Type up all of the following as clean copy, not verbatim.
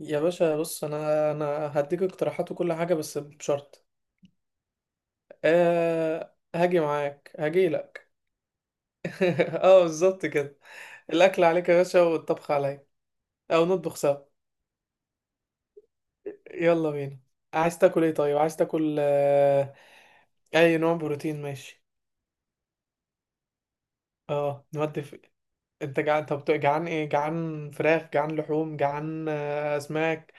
يا باشا، بص، انا هديك اقتراحات وكل حاجه، بس بشرط. أه، هاجي معاك، هاجي لك. اه، بالظبط كده. الاكل عليك يا باشا، والطبخ عليا. او نطبخ سوا. يلا بينا. عايز تاكل ايه؟ طيب، عايز تاكل اي نوع بروتين؟ ماشي. اه، نودي في... انت جعان؟ طب جعان ايه؟ جعان فراخ، جعان لحوم، جعان اسماك؟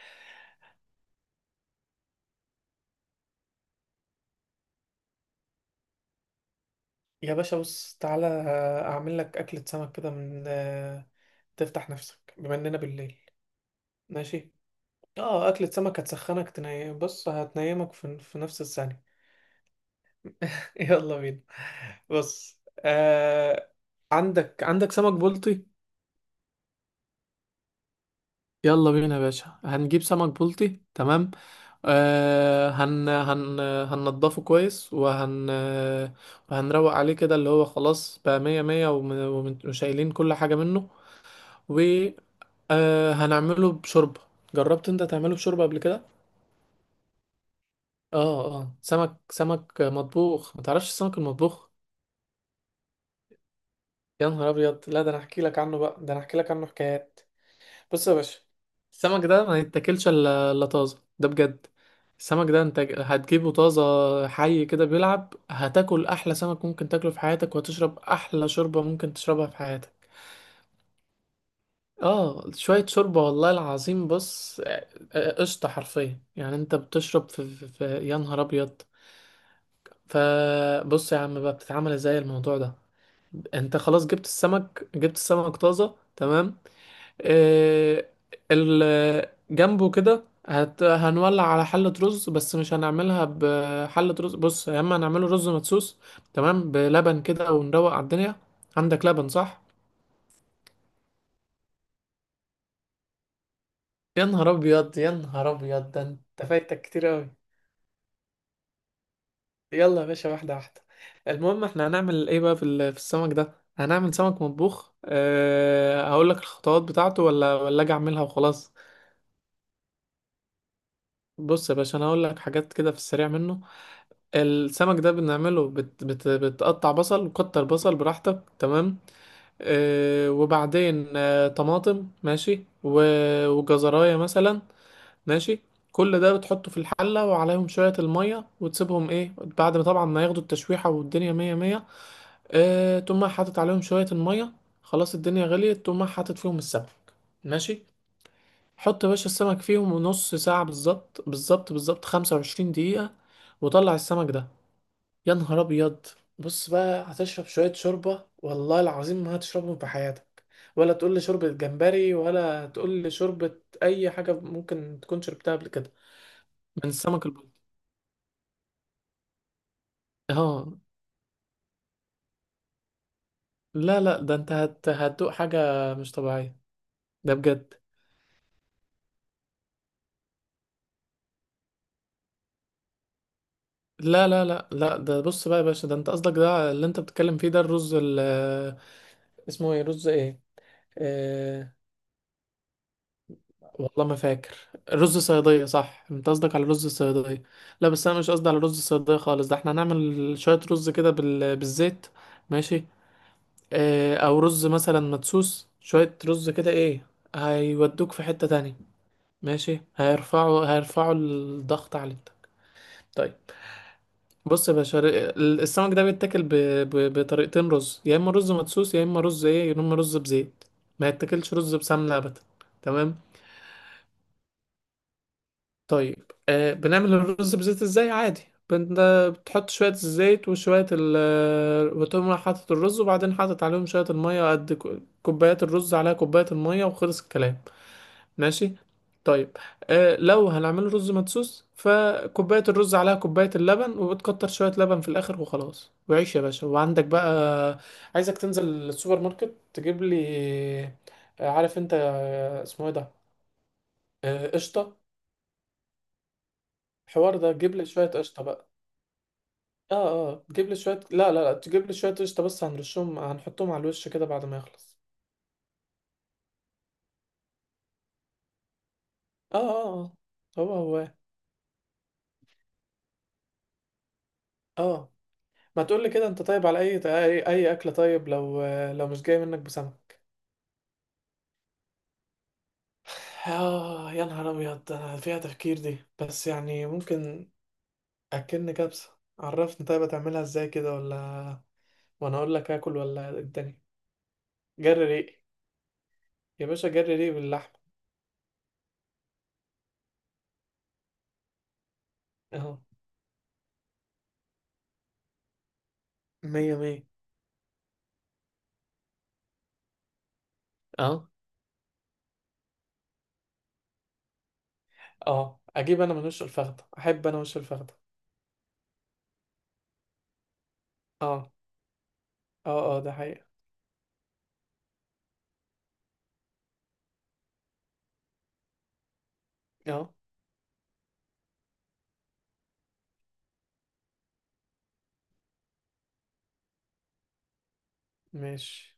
يا باشا، بص، تعالى، اعمل لك اكلة سمك كده من تفتح نفسك بما اننا بالليل. ماشي. اه، اكلة سمك هتسخنك، تني بص، هتنيمك في نفس الثانية. يلا بينا. بص، آه، عندك سمك بلطي. يلا بينا يا باشا، هنجيب سمك بلطي، تمام. آه، هن هن هننضفه كويس، وهنروق عليه كده، اللي هو خلاص بقى مية مية، وشايلين كل حاجة منه. و هنعمله بشوربة. جربت انت تعمله بشوربة قبل كده؟ اه، اه، سمك مطبوخ، ما تعرفش السمك المطبوخ؟ يا نهار ابيض! لا، ده انا احكي لك عنه بقى، ده انا احكي لك عنه حكايات. بص يا باشا. السمك ده ما يتاكلش إلا طازه، ده بجد. السمك ده انت هتجيبه طازه. حي كده بيلعب، هتاكل احلى سمك ممكن تاكله في حياتك، وهتشرب احلى شوربه ممكن تشربها في حياتك. اه، شويه شوربه، والله العظيم، بص، قشطه، حرفيا يعني، انت بتشرب في يا نهار ابيض! فبص يا عم، بقى بتتعمل ازاي الموضوع ده؟ انت خلاص جبت السمك، جبت السمك طازه، تمام. إيه، جنبه كده هنولع على حلة رز، بس مش هنعملها بحلة رز، بص، يا اما هنعمله رز مدسوس. تمام، بلبن كده ونروق على الدنيا. عندك لبن، صح؟ يا نهار ابيض، يا نهار ابيض! ده انت فايتك كتير اوي. يلا يا باشا، واحدة واحدة. المهم، احنا هنعمل ايه بقى في السمك ده؟ هنعمل سمك مطبوخ. أه، هقول لك الخطوات بتاعته، ولا اجي اعملها وخلاص؟ بص يا باشا، انا هقول لك حاجات كده في السريع منه. السمك ده بنعمله، بت بت بتقطع بصل وكتر بصل براحتك، تمام. آه، وبعدين آه، طماطم، ماشي، وجزراية مثلا. ماشي. كل ده بتحطه في الحلة، وعليهم شوية المية، وتسيبهم، ايه، بعد ما طبعا ما ياخدوا التشويحة والدنيا مية مية. آه، تقوم حاطط عليهم شوية المية. خلاص، الدنيا غليت، تقوم حاطط فيهم السمك. ماشي. حط يا باشا السمك فيهم نص ساعة، بالظبط بالظبط بالظبط، 25 دقيقة. وطلع السمك ده. يا نهار ابيض! بص بقى، هتشرب شويه شوربه، والله العظيم ما هتشربهم في حياتك. ولا تقول لي شوربه جمبري، ولا تقول لي شوربه. اي حاجه ممكن تكون شربتها قبل كده. من السمك البلطي. اه، لا، لا، ده انت هتدوق حاجه مش طبيعيه. ده بجد. لا، لا، لا، لا، ده بص بقى يا باشا، ده انت قصدك، ده اللي انت بتتكلم فيه، ده الرز اسمه ايه، رز ايه؟ آه، والله ما فاكر. رز صيادية، صح؟ انت قصدك على رز الصيادية. لا، بس انا مش قصدي على رز الصيادية خالص، ده احنا هنعمل شوية رز كده بالزيت. ماشي. اه، او رز مثلا مدسوس، شوية رز كده، ايه. هيودوك في حتة تانية. ماشي، هيرفعوا الضغط عليك. طيب. بص يا باشا، السمك ده بيتاكل بطريقتين، رز يا اما رز مدسوس، يا اما رز ايه، يا اما رز بزيت. ما يتاكلش رز بسمنة ابدا. تمام. طيب، آه، بنعمل الرز بزيت ازاي؟ عادي. بتحط شوية الزيت وشوية بتقوم رايح حاطط الرز، وبعدين حاطط عليهم شوية المية، قد كوبايات الرز عليها كوباية المية، وخلص الكلام. ماشي. طيب. آه، لو هنعمل رز مدسوس، فكوباية الرز عليها كوباية اللبن، وبتكتر شوية لبن في الآخر وخلاص، وعيش يا باشا، وعندك بقى. عايزك تنزل السوبر ماركت، تجيب لي عارف انت اسمه ايه ده؟ قشطة. الحوار ده، جيب لي شوية قشطة بقى. اه، اه، تجيب لي شوية، لا، لا، لا، تجيب لي شوية قشطة بس، هنرشهم، هنحطهم على الوش كده بعد ما يخلص. اه، اه، اه، هو هو. اه، ما تقول لي كده انت، طيب على اي اكلة، طيب لو لو مش جاي منك بسمك. اه، يا نهار ابيض، ده انا فيها تفكير دي، بس يعني ممكن. اكلني كبسة، عرفني طيب هتعملها ازاي كده، ولا وانا اقول لك اكل، ولا إيه الدنيا؟ جري ريق. يا باشا، جري ريق باللحمة. اهو. مية مية. اه، اه، اجيب انا من وش الفخدة، احب انا وش الفخدة. اه، اه، اه، ده حقيقة. اه. ماشي.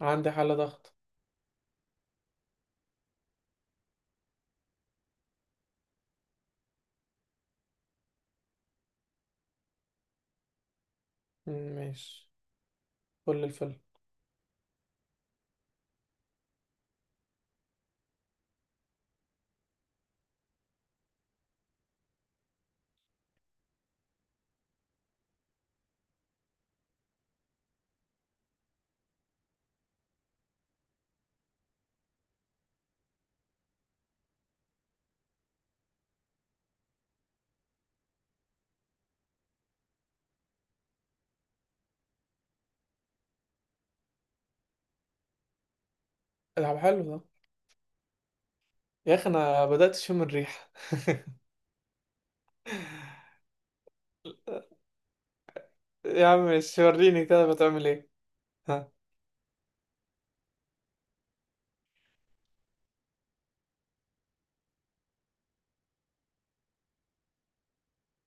عندي حالة ضغط. مم، ماشي. كل الفل. ده حلو ده. يا اخي، انا بدأت اشم الريحة. يا عم، ماشي، وريني كده بتعمل ايه. ها.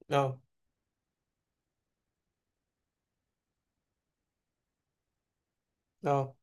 اه، اه.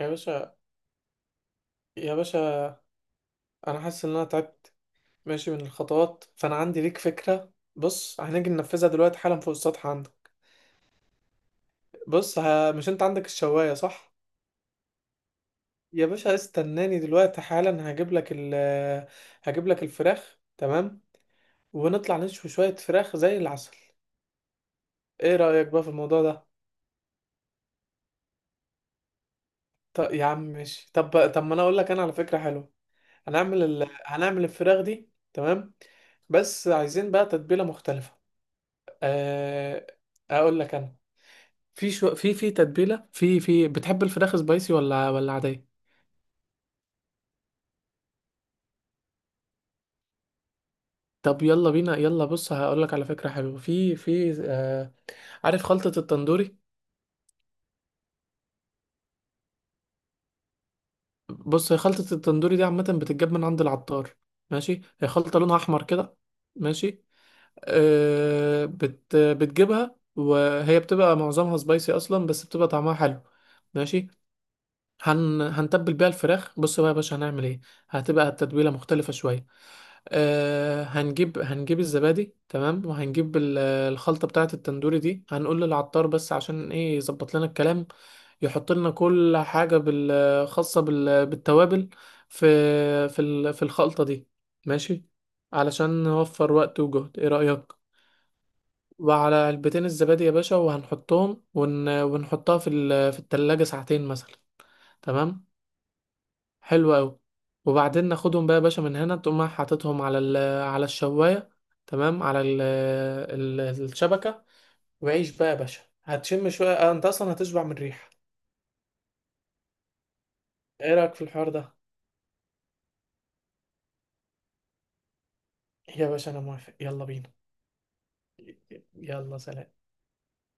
يا باشا. يا باشا، انا حاسس ان انا تعبت ماشي من الخطوات، فانا عندي ليك فكرة، بص، هنيجي ننفذها دلوقتي حالا فوق السطح عندك. بص، ها، مش انت عندك الشواية، صح؟ يا باشا، استناني دلوقتي حالا، هجيب لك هجيب لك الفراخ، تمام. ونطلع نشوي شوية فراخ زي العسل. ايه رأيك بقى في الموضوع ده؟ طب يا عم، ماشي، طب ما انا اقول لك انا على فكرة حلوة. هنعمل الفراخ دي، تمام. بس عايزين بقى تتبيلة مختلفة. أه... اقول لك انا. في تتبيلة، في بتحب الفراخ سبايسي ولا عادية؟ طب يلا بينا، يلا، بص، هقول لك على فكرة حلوة. عارف خلطة التندوري؟ بص، هي خلطة التندوري دي عامة بتتجاب من عند العطار. ماشي. هي خلطة لونها احمر كده. ماشي. بتجيبها، وهي بتبقى معظمها سبايسي اصلا، بس بتبقى طعمها حلو. ماشي. هنتبل بيها الفراخ، بص بقى يا باشا هنعمل ايه. هتبقى التتبيله مختلفه شويه. أه، هنجيب الزبادي، تمام، وهنجيب الخلطه بتاعه التندوري دي، هنقول للعطار بس عشان ايه؟ يظبط لنا الكلام. يحط لنا كل حاجه خاصه بالتوابل. في في الخلطه دي. ماشي. علشان نوفر وقت وجهد، ايه رايك؟ وعلى علبتين الزبادي يا باشا، وهنحطهم، ونحطها في التلاجة ساعتين مثلا. تمام. حلو قوي. وبعدين ناخدهم بقى يا باشا من هنا، تقوم رايح حاططهم على الشواية. تمام، ال... الشبكة. وعيش بقى يا باشا، هتشم شوية، انت اصلا هتشبع من الريحة. ايه رأيك في الحوار ده؟ يا باشا، انا موافق، يلا بينا. يلا، سلام.